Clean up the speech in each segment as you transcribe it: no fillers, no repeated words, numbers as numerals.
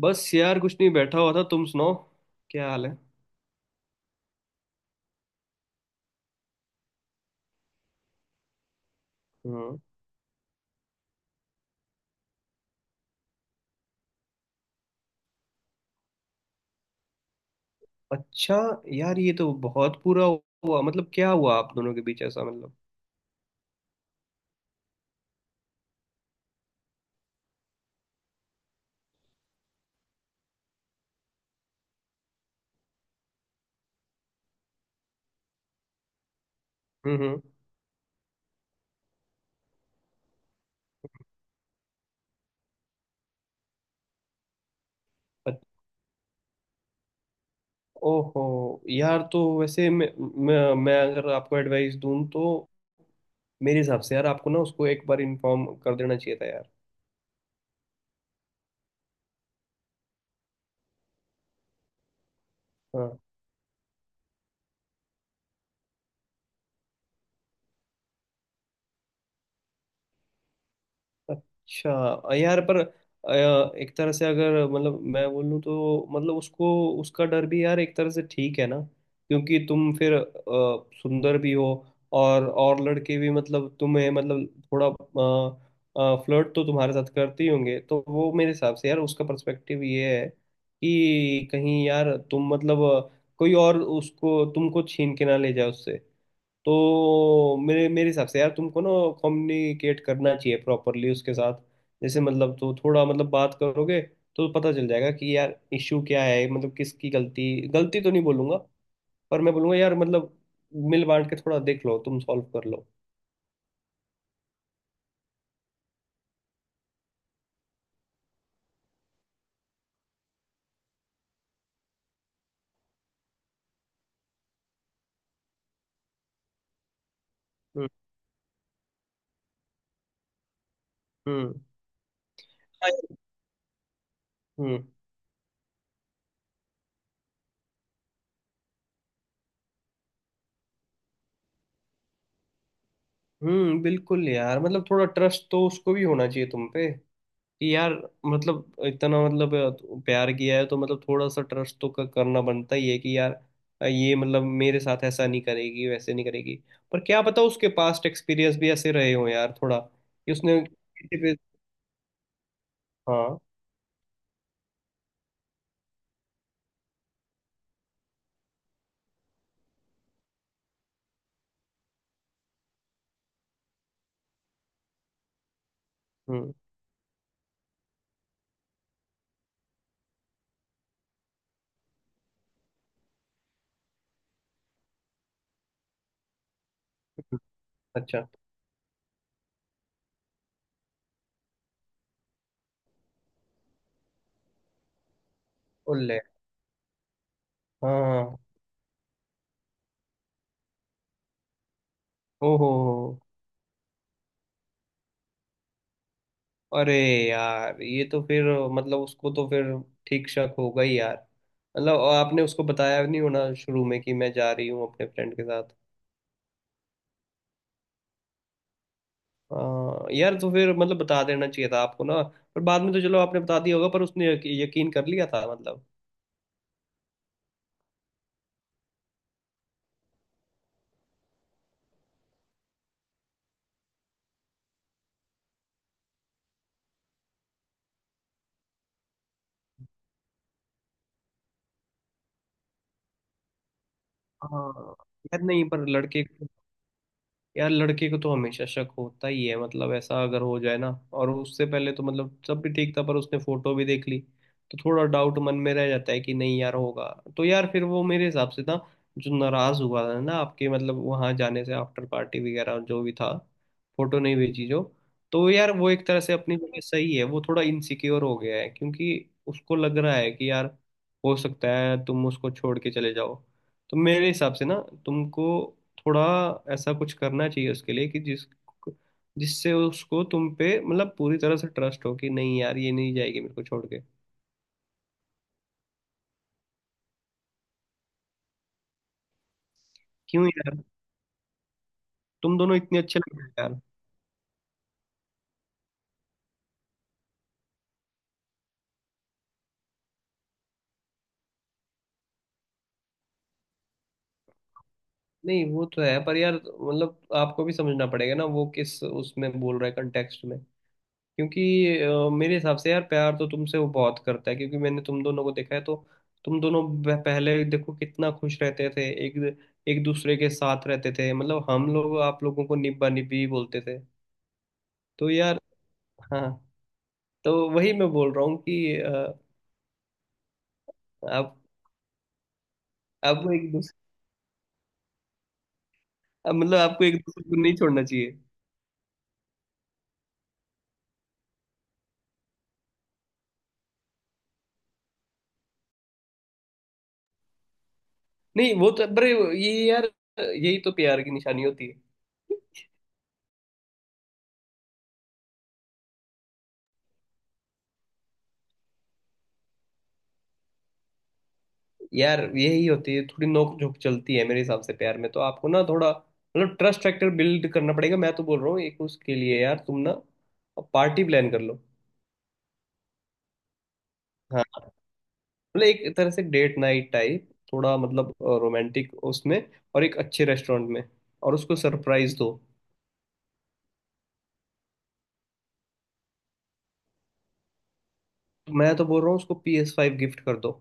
बस यार कुछ नहीं बैठा हुआ था, तुम सुनाओ क्या हाल है। हम्म। अच्छा, यार ये तो बहुत पूरा हुआ, मतलब क्या हुआ आप दोनों के बीच ऐसा मतलब। हम्म हम्म। अच- ओहो यार, तो वैसे मैं अगर आपको एडवाइस दूं तो मेरे हिसाब से यार आपको ना उसको एक बार इन्फॉर्म कर देना चाहिए था यार। हाँ। अच्छा। यार पर एक तरह से अगर मतलब मैं बोलूँ तो मतलब उसको, उसका डर भी यार एक तरह से ठीक है ना, क्योंकि तुम फिर सुंदर भी हो, और लड़के भी मतलब तुम्हें मतलब थोड़ा फ्लर्ट तो तुम्हारे साथ करते ही होंगे, तो वो मेरे हिसाब से यार उसका पर्सपेक्टिव ये है कि कहीं यार तुम मतलब कोई और उसको तुमको छीन के ना ले जाए उससे। तो मेरे मेरे हिसाब से यार तुमको ना कम्युनिकेट करना चाहिए प्रॉपरली उसके साथ। जैसे मतलब तो थोड़ा मतलब बात करोगे तो पता चल जाएगा कि यार इश्यू क्या है, मतलब किसकी गलती गलती तो नहीं बोलूंगा, पर मैं बोलूंगा यार मतलब मिल बांट के थोड़ा देख लो, तुम सॉल्व कर लो। हम्म। हम्म। हाँ। हम्म। बिल्कुल यार, मतलब थोड़ा ट्रस्ट तो उसको भी होना चाहिए तुम पे, यार मतलब इतना मतलब प्यार किया है तो मतलब थोड़ा सा ट्रस्ट तो करना बनता ही है कि यार ये मतलब मेरे साथ ऐसा नहीं करेगी, वैसे नहीं करेगी। पर क्या पता उसके पास्ट एक्सपीरियंस भी ऐसे रहे हो यार थोड़ा, कि उसने किसी पे। हाँ। हम्म। हम्म। अच्छा। ओले। हाँ हाँ। ओहो हो। अरे यार, ये तो फिर मतलब उसको तो फिर ठीक शक होगा ही यार। मतलब आपने उसको बताया नहीं होना शुरू में कि मैं जा रही हूँ अपने फ्रेंड के साथ। हाँ यार, तो फिर मतलब बता देना चाहिए था आपको ना, पर बाद में तो चलो आपने बता दिया होगा, पर उसने यकीन कर लिया था मतलब। हाँ यार, नहीं पर लड़के, यार लड़के को तो हमेशा शक होता ही है, मतलब ऐसा अगर हो जाए ना। और उससे पहले तो मतलब सब भी ठीक था, पर उसने फोटो भी देख ली, तो थोड़ा डाउट मन में रह जाता है कि नहीं यार होगा। तो यार फिर वो मेरे हिसाब से ना जो नाराज हुआ था ना आपके मतलब वहां जाने से, आफ्टर पार्टी वगैरह जो भी था, फोटो नहीं भेजी जो। तो यार वो एक तरह से अपनी जगह सही है, वो थोड़ा इनसिक्योर हो गया है, क्योंकि उसको लग रहा है कि यार हो सकता है तुम उसको छोड़ के चले जाओ। तो मेरे हिसाब से ना तुमको थोड़ा ऐसा कुछ करना चाहिए उसके लिए कि जिस जिससे उसको तुम पे मतलब पूरी तरह से ट्रस्ट हो कि नहीं यार ये नहीं जाएगी मेरे को छोड़ के। क्यों यार, तुम दोनों इतने अच्छे लग रहे हो यार। नहीं वो तो है, पर यार मतलब आपको भी समझना पड़ेगा ना वो किस उसमें बोल रहा है कंटेक्स्ट में, क्योंकि मेरे हिसाब से यार प्यार तो तुमसे वो बहुत करता है, क्योंकि मैंने तुम दोनों को देखा है तो तुम दोनों पहले देखो कितना खुश रहते थे, एक एक दूसरे के साथ रहते थे, मतलब हम लोग आप लोगों को निब्बा निब्बी बोलते थे। तो यार, हाँ, तो वही मैं बोल रहा हूँ कि अ, आप आपको एक दूसरे मतलब आपको एक दूसरे को नहीं छोड़ना चाहिए। नहीं वो तो, पर ये यार यही तो प्यार की निशानी होती है। यार यही होती है, थोड़ी नोक झोंक चलती है मेरे हिसाब से प्यार में, तो आपको ना थोड़ा मतलब ट्रस्ट फैक्टर बिल्ड करना पड़ेगा। मैं तो बोल रहा हूँ एक उसके लिए यार तुम ना पार्टी प्लान कर लो। हाँ, मतलब एक तरह से डेट नाइट टाइप थोड़ा मतलब रोमांटिक उसमें, और एक अच्छे रेस्टोरेंट में, और उसको सरप्राइज दो। तो मैं तो बोल रहा हूँ उसको PS5 गिफ्ट कर दो।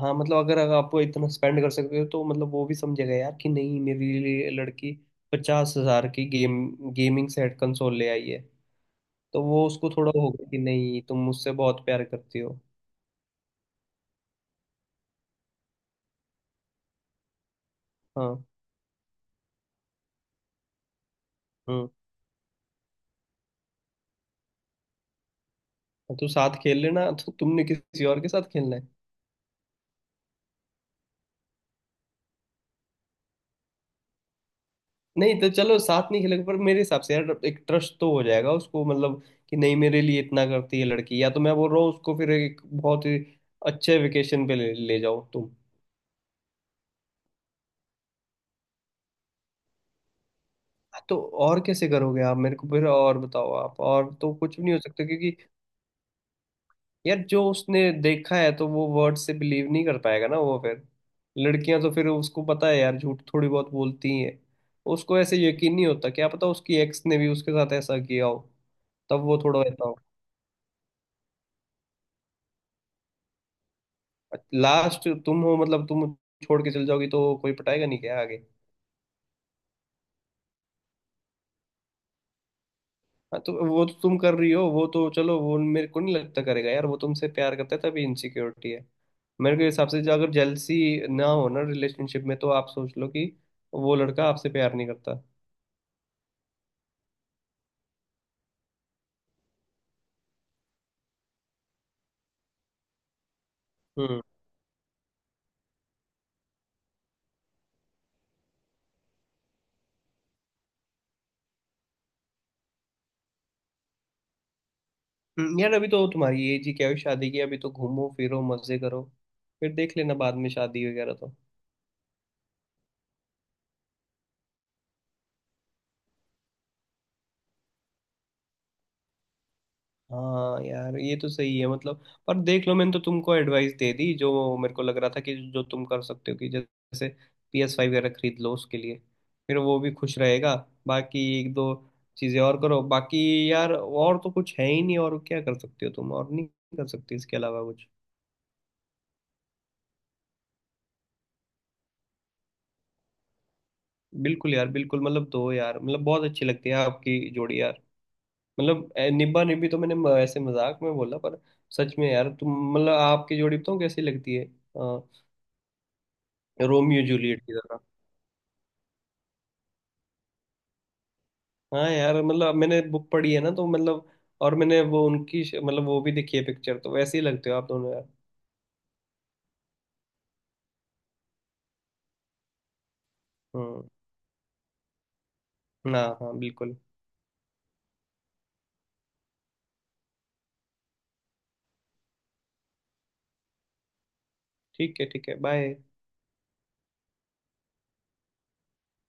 हाँ मतलब, अगर अगर आपको इतना स्पेंड कर सकते हो तो मतलब वो भी समझेगा यार कि नहीं मेरे लिए लड़की 50 हज़ार की गेम गेमिंग सेट कंसोल ले आई है। तो वो उसको थोड़ा होगा कि नहीं तुम मुझसे बहुत प्यार करती हो। हाँ। हम्म। तो तू साथ खेल लेना, तो तुमने किसी और के साथ खेलना है। नहीं तो चलो साथ नहीं खेलेंगे, पर मेरे हिसाब से यार एक ट्रस्ट तो हो जाएगा उसको, मतलब कि नहीं मेरे लिए इतना करती है लड़की। या तो मैं बोल रहा हूँ उसको फिर एक बहुत ही अच्छे वेकेशन पे ले जाओ तुम। तो और कैसे करोगे आप मेरे को फिर, और बताओ आप, और तो कुछ भी नहीं हो सकता, क्योंकि यार जो उसने देखा है तो वो वर्ड से बिलीव नहीं कर पाएगा ना वो फिर। लड़कियां तो फिर उसको पता है यार झूठ थोड़ी बहुत बोलती ही हैं, उसको ऐसे यकीन नहीं होता। क्या पता उसकी एक्स ने भी उसके साथ ऐसा किया हो, तब वो थोड़ा रहता हो। लास्ट तुम हो, मतलब तुम छोड़ के चल जाओगी तो कोई पटाएगा नहीं क्या आगे। हाँ तो वो तो तुम कर रही हो, वो तो चलो वो मेरे को नहीं लगता करेगा यार, वो तुमसे प्यार करता है तभी इनसिक्योरिटी है। मेरे के हिसाब से जो अगर जेलसी ना हो ना रिलेशनशिप में तो आप सोच लो कि वो लड़का आपसे प्यार नहीं करता। हम्म। यार अभी तो तुम्हारी एज ही क्या हुई शादी की, अभी तो घूमो फिरो मजे करो, फिर देख लेना बाद में शादी वगैरह तो। हाँ यार ये तो सही है, मतलब पर देख लो मैंने तो तुमको एडवाइस दे दी जो मेरे को लग रहा था कि जो तुम कर सकते हो, कि जैसे PS5 वगैरह खरीद लो उसके लिए, फिर वो भी खुश रहेगा। बाकी एक दो चीज़ें और करो, बाकी यार और तो कुछ है ही नहीं। और क्या कर सकते हो तुम, और नहीं कर सकते इसके अलावा कुछ। बिल्कुल यार, बिल्कुल, मतलब दो यार, मतलब बहुत अच्छी लगती है आपकी जोड़ी यार, मतलब निब्बा निब्बी तो मैंने ऐसे मजाक में बोला, पर सच में यार तुम मतलब आपकी जोड़ी बताऊँ कैसी लगती है, रोमियो जूलियट की तरह। हाँ यार, मतलब मैंने बुक पढ़ी है ना तो मतलब, और मैंने वो उनकी मतलब वो भी देखी है पिक्चर, तो वैसे ही लगते हो आप दोनों यार। हम्म। हाँ हाँ, बिल्कुल। ठीक है, ठीक है, बाय।